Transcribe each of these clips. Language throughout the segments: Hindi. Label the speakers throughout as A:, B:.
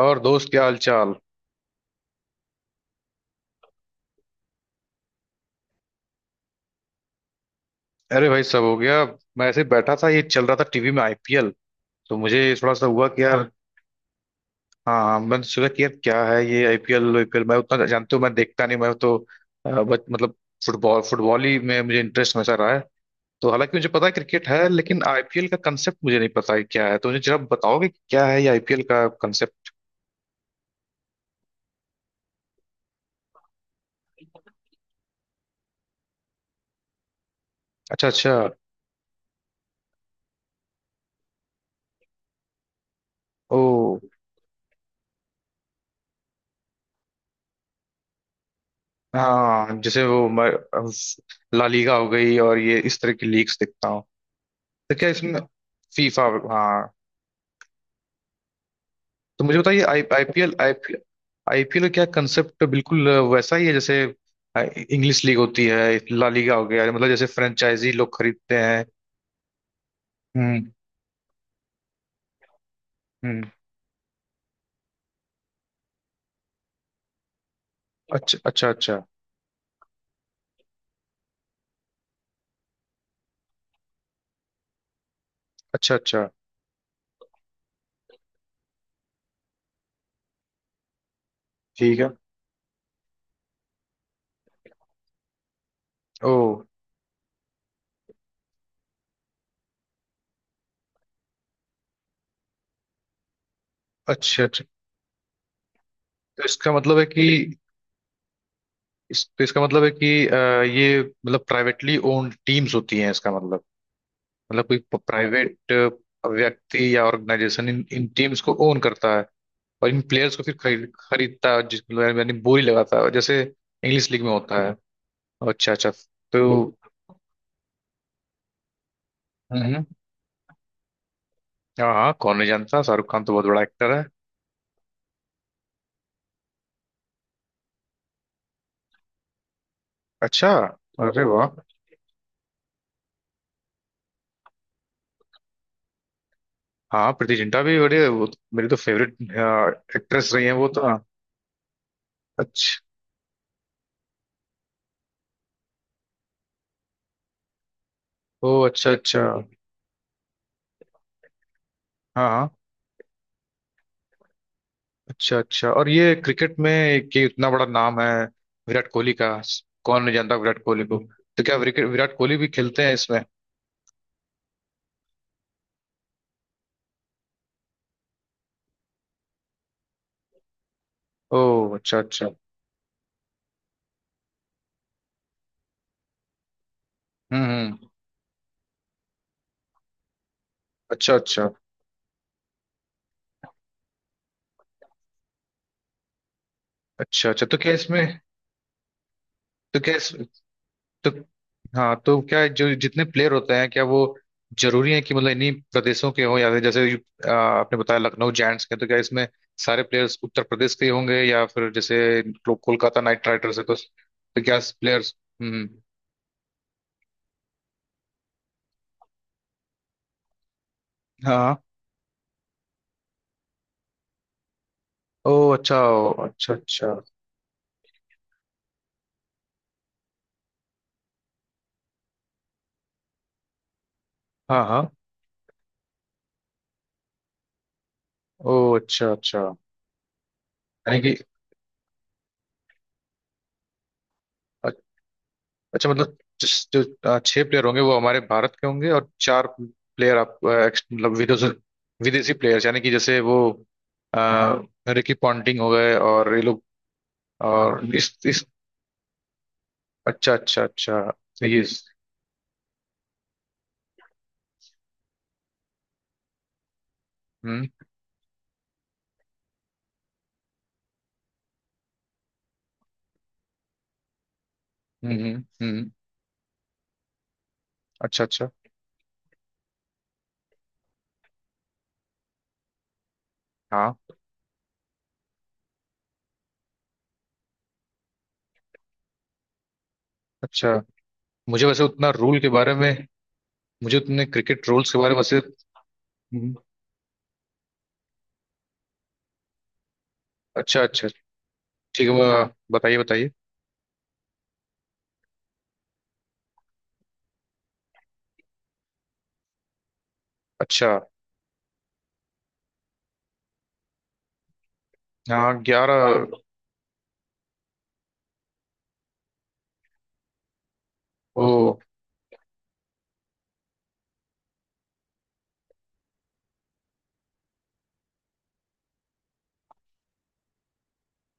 A: और दोस्त, क्या हाल चाल। अरे भाई, सब हो गया। मैं ऐसे ही बैठा था, ये चल रहा था टीवी में आईपीएल। तो मुझे थोड़ा सा हुआ कि यार... हाँ हाँ, मैंने तो सोचा कि यार क्या है ये आईपीएल। आईपीएल मैं उतना जानते हो, मैं देखता नहीं, मैं तो बस मतलब फुटबॉल फुटबॉल ही में मुझे इंटरेस्ट हमेशा रहा है। तो हालांकि मुझे पता है क्रिकेट है, लेकिन आईपीएल का कंसेप्ट मुझे नहीं पता है क्या है। तो मुझे जरा बताओगे कि क्या है ये आईपीएल का कंसेप्ट। अच्छा अच्छा। ओ हाँ, जैसे वो ला लीगा हो गई और ये इस तरह की लीग्स देखता। तो क्या इसमें फीफा? हाँ। तो मुझे बताइए आई आईपीएल आईपीएल का क्या कंसेप्ट। तो बिल्कुल वैसा ही है जैसे इंग्लिश लीग होती है, ला लीगा हो गया। मतलब जैसे फ्रेंचाइजी लोग खरीदते हैं। हम्म हम्म। अच्छा अच्छा अच्छा। अच्छा अच्छा। ठीक है। ओ अच्छा अच्छा। तो इसका मतलब है कि... तो इसका मतलब है कि ये मतलब प्राइवेटली ओन्ड टीम्स होती हैं इसका मतलब। मतलब कोई प्राइवेट व्यक्ति या ऑर्गेनाइजेशन इन इन टीम्स को ओन करता है, और इन प्लेयर्स को फिर खरीदता है जिस... यानी बोली लगाता है जैसे इंग्लिश लीग में होता है। अच्छा अच्छा। तो हम्म। हाँ हाँ, कौन नहीं जानता, शाहरुख खान तो बहुत बड़ा एक्टर है। अच्छा। अरे वाह, हाँ प्रीति जिंटा भी बड़े, वो मेरी तो फेवरेट एक्ट्रेस रही है वो तो। हाँ। अच्छा। ओ अच्छा अच्छा। हाँ हाँ। अच्छा अच्छा। और ये क्रिकेट में कि इतना बड़ा नाम है विराट कोहली का। कौन नहीं जानता विराट कोहली को। तो क्या विराट विराट कोहली भी खेलते हैं इसमें? ओ अच्छा अच्छा। हम्म। अच्छा अच्छा। अच्छा अच्छा। तो क्या इसमें... तो क्या इस, तो... हाँ, तो क्या जो जितने प्लेयर होते हैं, क्या वो जरूरी है कि मतलब इन्हीं प्रदेशों के हों, या फिर जैसे आपने बताया लखनऊ जायंट्स के, तो क्या इसमें सारे प्लेयर्स उत्तर प्रदेश के ही होंगे? या फिर जैसे कोलकाता नाइट राइडर्स है, तो क्या प्लेयर्स... हम्म। हाँ। ओ अच्छा। ओ अच्छा अच्छा। हाँ हाँ। ओ अच्छा अच्छा। यानी कि... अच्छा मतलब जिस जो 6 प्लेयर होंगे वो हमारे भारत के होंगे और 4 प्लेयर आप मतलब विदेश, विदेशी प्लेयर्स यानी कि जैसे वो हाँ, रिकी पॉन्टिंग हो गए और ये लोग। और इस अच्छा अच्छा अच्छा। ये हम्म हम्म। अच्छा अच्छा। हाँ। अच्छा। मुझे वैसे उतना रूल के बारे में... मुझे उतने क्रिकेट रूल्स के बारे में वैसे... हम्म। अच्छा अच्छा। ठीक है वह। बताइए बताइए। अच्छा। हाँ 11। वो।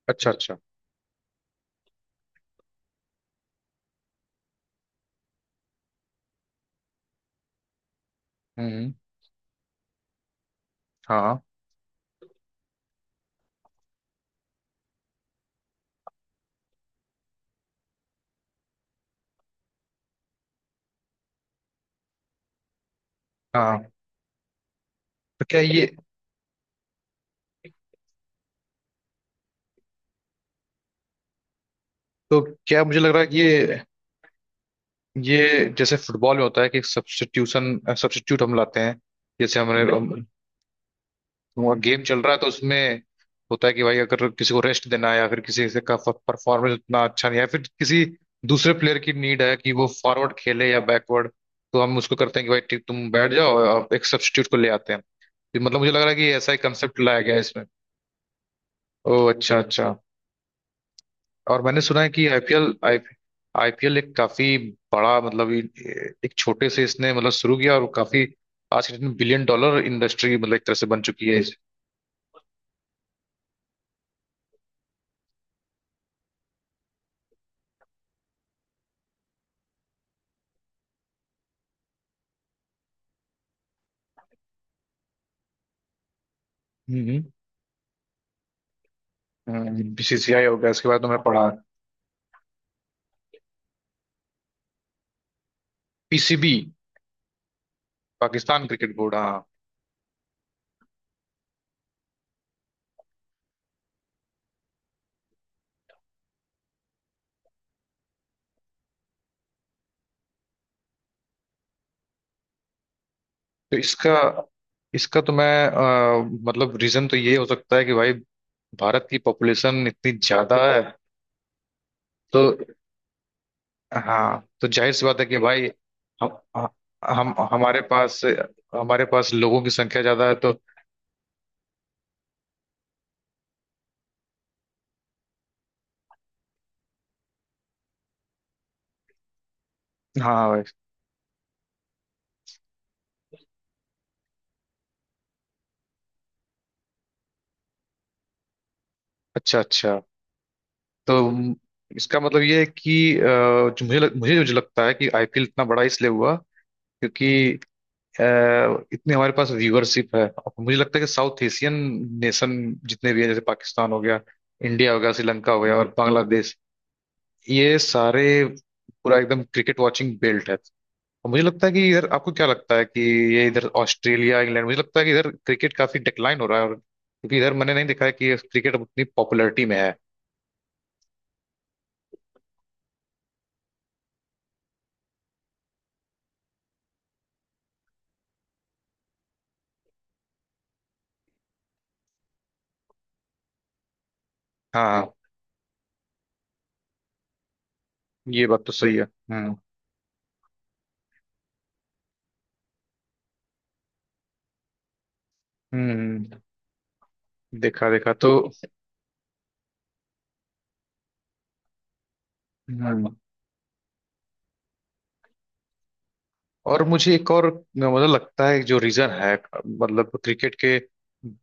A: अच्छा अच्छा। हम्म। हाँ हाँ, तो क्या ये... तो क्या मुझे लग रहा है कि ये जैसे फुटबॉल में होता है कि सब्स्टिट्यूशन, सब्स्टिट्यूट हम लाते हैं जैसे हमारे। बिल्कुल। हमने गेम चल रहा है तो उसमें होता है कि भाई अगर किसी को रेस्ट देना है, या फिर किसी से का परफॉर्मेंस उतना अच्छा नहीं है, या फिर किसी दूसरे प्लेयर की नीड है कि वो फॉरवर्ड खेले या बैकवर्ड, तो हम उसको करते हैं कि भाई ठीक, तुम बैठ जाओ, और आप एक सब्स्टिट्यूट को ले आते हैं। तो मतलब मुझे लग रहा है कि ऐसा ही कंसेप्ट लाया गया है इसमें। ओ अच्छा अच्छा। और मैंने सुना है कि आईपीएल आई आईपीएल एक काफी बड़ा मतलब एक छोटे से इसने मतलब शुरू किया, और काफी आज के दिन बिलियन डॉलर इंडस्ट्री मतलब एक तरह से बन चुकी है हम्म। बीसीसीआई हो गया, इसके बाद तो मैं पढ़ा पीसीबी, पाकिस्तान क्रिकेट बोर्ड। हाँ। तो इसका, इसका तो मैं मतलब रीजन तो ये हो सकता है कि भाई भारत की पॉपुलेशन इतनी ज्यादा है, तो हाँ, तो जाहिर सी बात है कि भाई हम हम हमारे पास... हमारे पास लोगों की संख्या ज्यादा है तो। हाँ भाई। अच्छा अच्छा। तो इसका मतलब ये है कि जो मुझे जो लगता है कि आईपीएल इतना बड़ा इसलिए हुआ क्योंकि इतने हमारे पास व्यूअरशिप है, और मुझे लगता है कि साउथ एशियन नेशन जितने भी है जैसे पाकिस्तान हो गया, इंडिया हो गया, श्रीलंका हो गया और बांग्लादेश, ये सारे पूरा एकदम क्रिकेट वाचिंग बेल्ट है। और मुझे लगता है कि इधर आपको क्या लगता है कि ये इधर ऑस्ट्रेलिया, इंग्लैंड, मुझे लगता है कि इधर क्रिकेट काफी डिक्लाइन हो रहा है, और क्योंकि इधर मैंने नहीं देखा है कि क्रिकेट अब उतनी पॉपुलैरिटी में है। हाँ। ये बात तो सही है। हम्म। देखा देखा तो। हम्म। और मुझे एक और मतलब लगता है जो रीजन है मतलब क्रिकेट के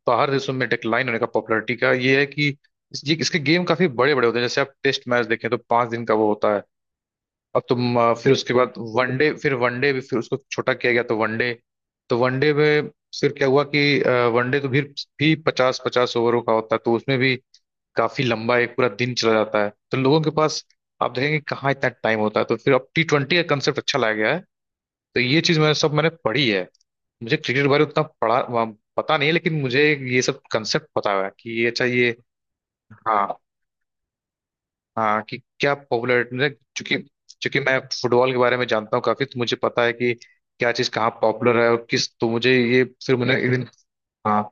A: बाहर देशों में डिक्लाइन होने का पॉपुलैरिटी का, ये है कि ये इसके गेम काफी बड़े बड़े होते हैं। जैसे आप टेस्ट मैच देखें तो 5 दिन का वो होता है। अब तुम फिर उसके बाद वनडे, फिर वनडे भी फिर उसको छोटा किया गया तो वनडे। तो वनडे में फिर क्या हुआ कि वनडे तो फिर भी पचास पचास ओवरों का होता है, तो उसमें भी काफी लंबा एक पूरा दिन चला जाता है। तो लोगों के पास आप देखेंगे कहाँ इतना टाइम होता है। तो फिर अब टी ट्वेंटी का कंसेप्ट अच्छा लाया गया है। तो ये चीज मैंने सब मैंने पढ़ी है। मुझे क्रिकेट के बारे में उतना पढ़ा वहाँ पता नहीं है, लेकिन मुझे ये सब कंसेप्ट पता हुआ है कि ये अच्छा, ये हाँ हाँ, कि क्या पॉपुलर मुझे... चूंकि, चूंकि मैं फुटबॉल के बारे में जानता हूँ काफी, तो मुझे पता है कि क्या चीज कहाँ पॉपुलर है और किस, तो मुझे ये फिर मैंने हाँ,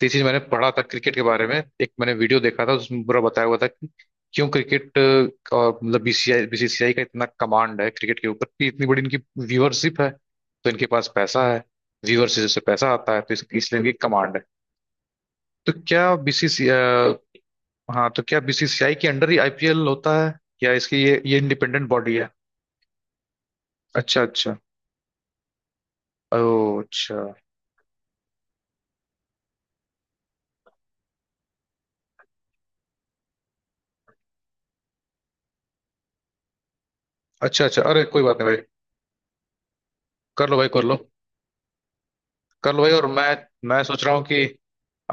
A: तो ये चीज मैंने पढ़ा था क्रिकेट के बारे में। एक मैंने वीडियो देखा था, उसमें पूरा बताया हुआ था कि क्यों क्रिकेट और मतलब बीसीसीआई बीसीसीआई का इतना कमांड है क्रिकेट के ऊपर कि इतनी बड़ी इनकी व्यूअरशिप है, तो इनके पास पैसा है, व्यूअरशिप से पैसा आता है, तो इसलिए इनकी कमांड है। तो क्या बीसीसी हाँ, तो क्या बीसीसीआई के अंडर ही आईपीएल होता है, या इसकी ये इंडिपेंडेंट बॉडी है? अच्छा अच्छा। ओ अच्छा। अच्छा अच्छा। अरे, कोई बात नहीं भाई, कर लो भाई कर लो। कल भाई, और मैं सोच रहा हूँ कि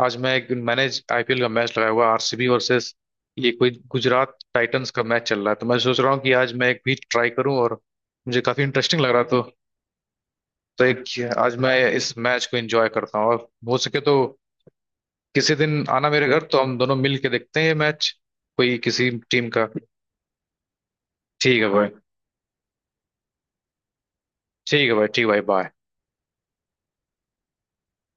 A: आज मैं एक मैंने आईपीएल का मैच लगाया हुआ आरसीबी वर्सेस ये कोई गुजरात टाइटंस का मैच चल रहा है, तो मैं सोच रहा हूँ कि आज मैं एक भी ट्राई करूँ, और मुझे काफी इंटरेस्टिंग लग रहा था, तो... तो एक आज मैं इस मैच को एंजॉय करता हूँ, और हो सके तो किसी दिन आना मेरे घर, तो हम दोनों मिल के देखते हैं ये मैच। कोई किसी टीम का। ठीक है भाई, ठीक है भाई, ठीक है भाई, बाय।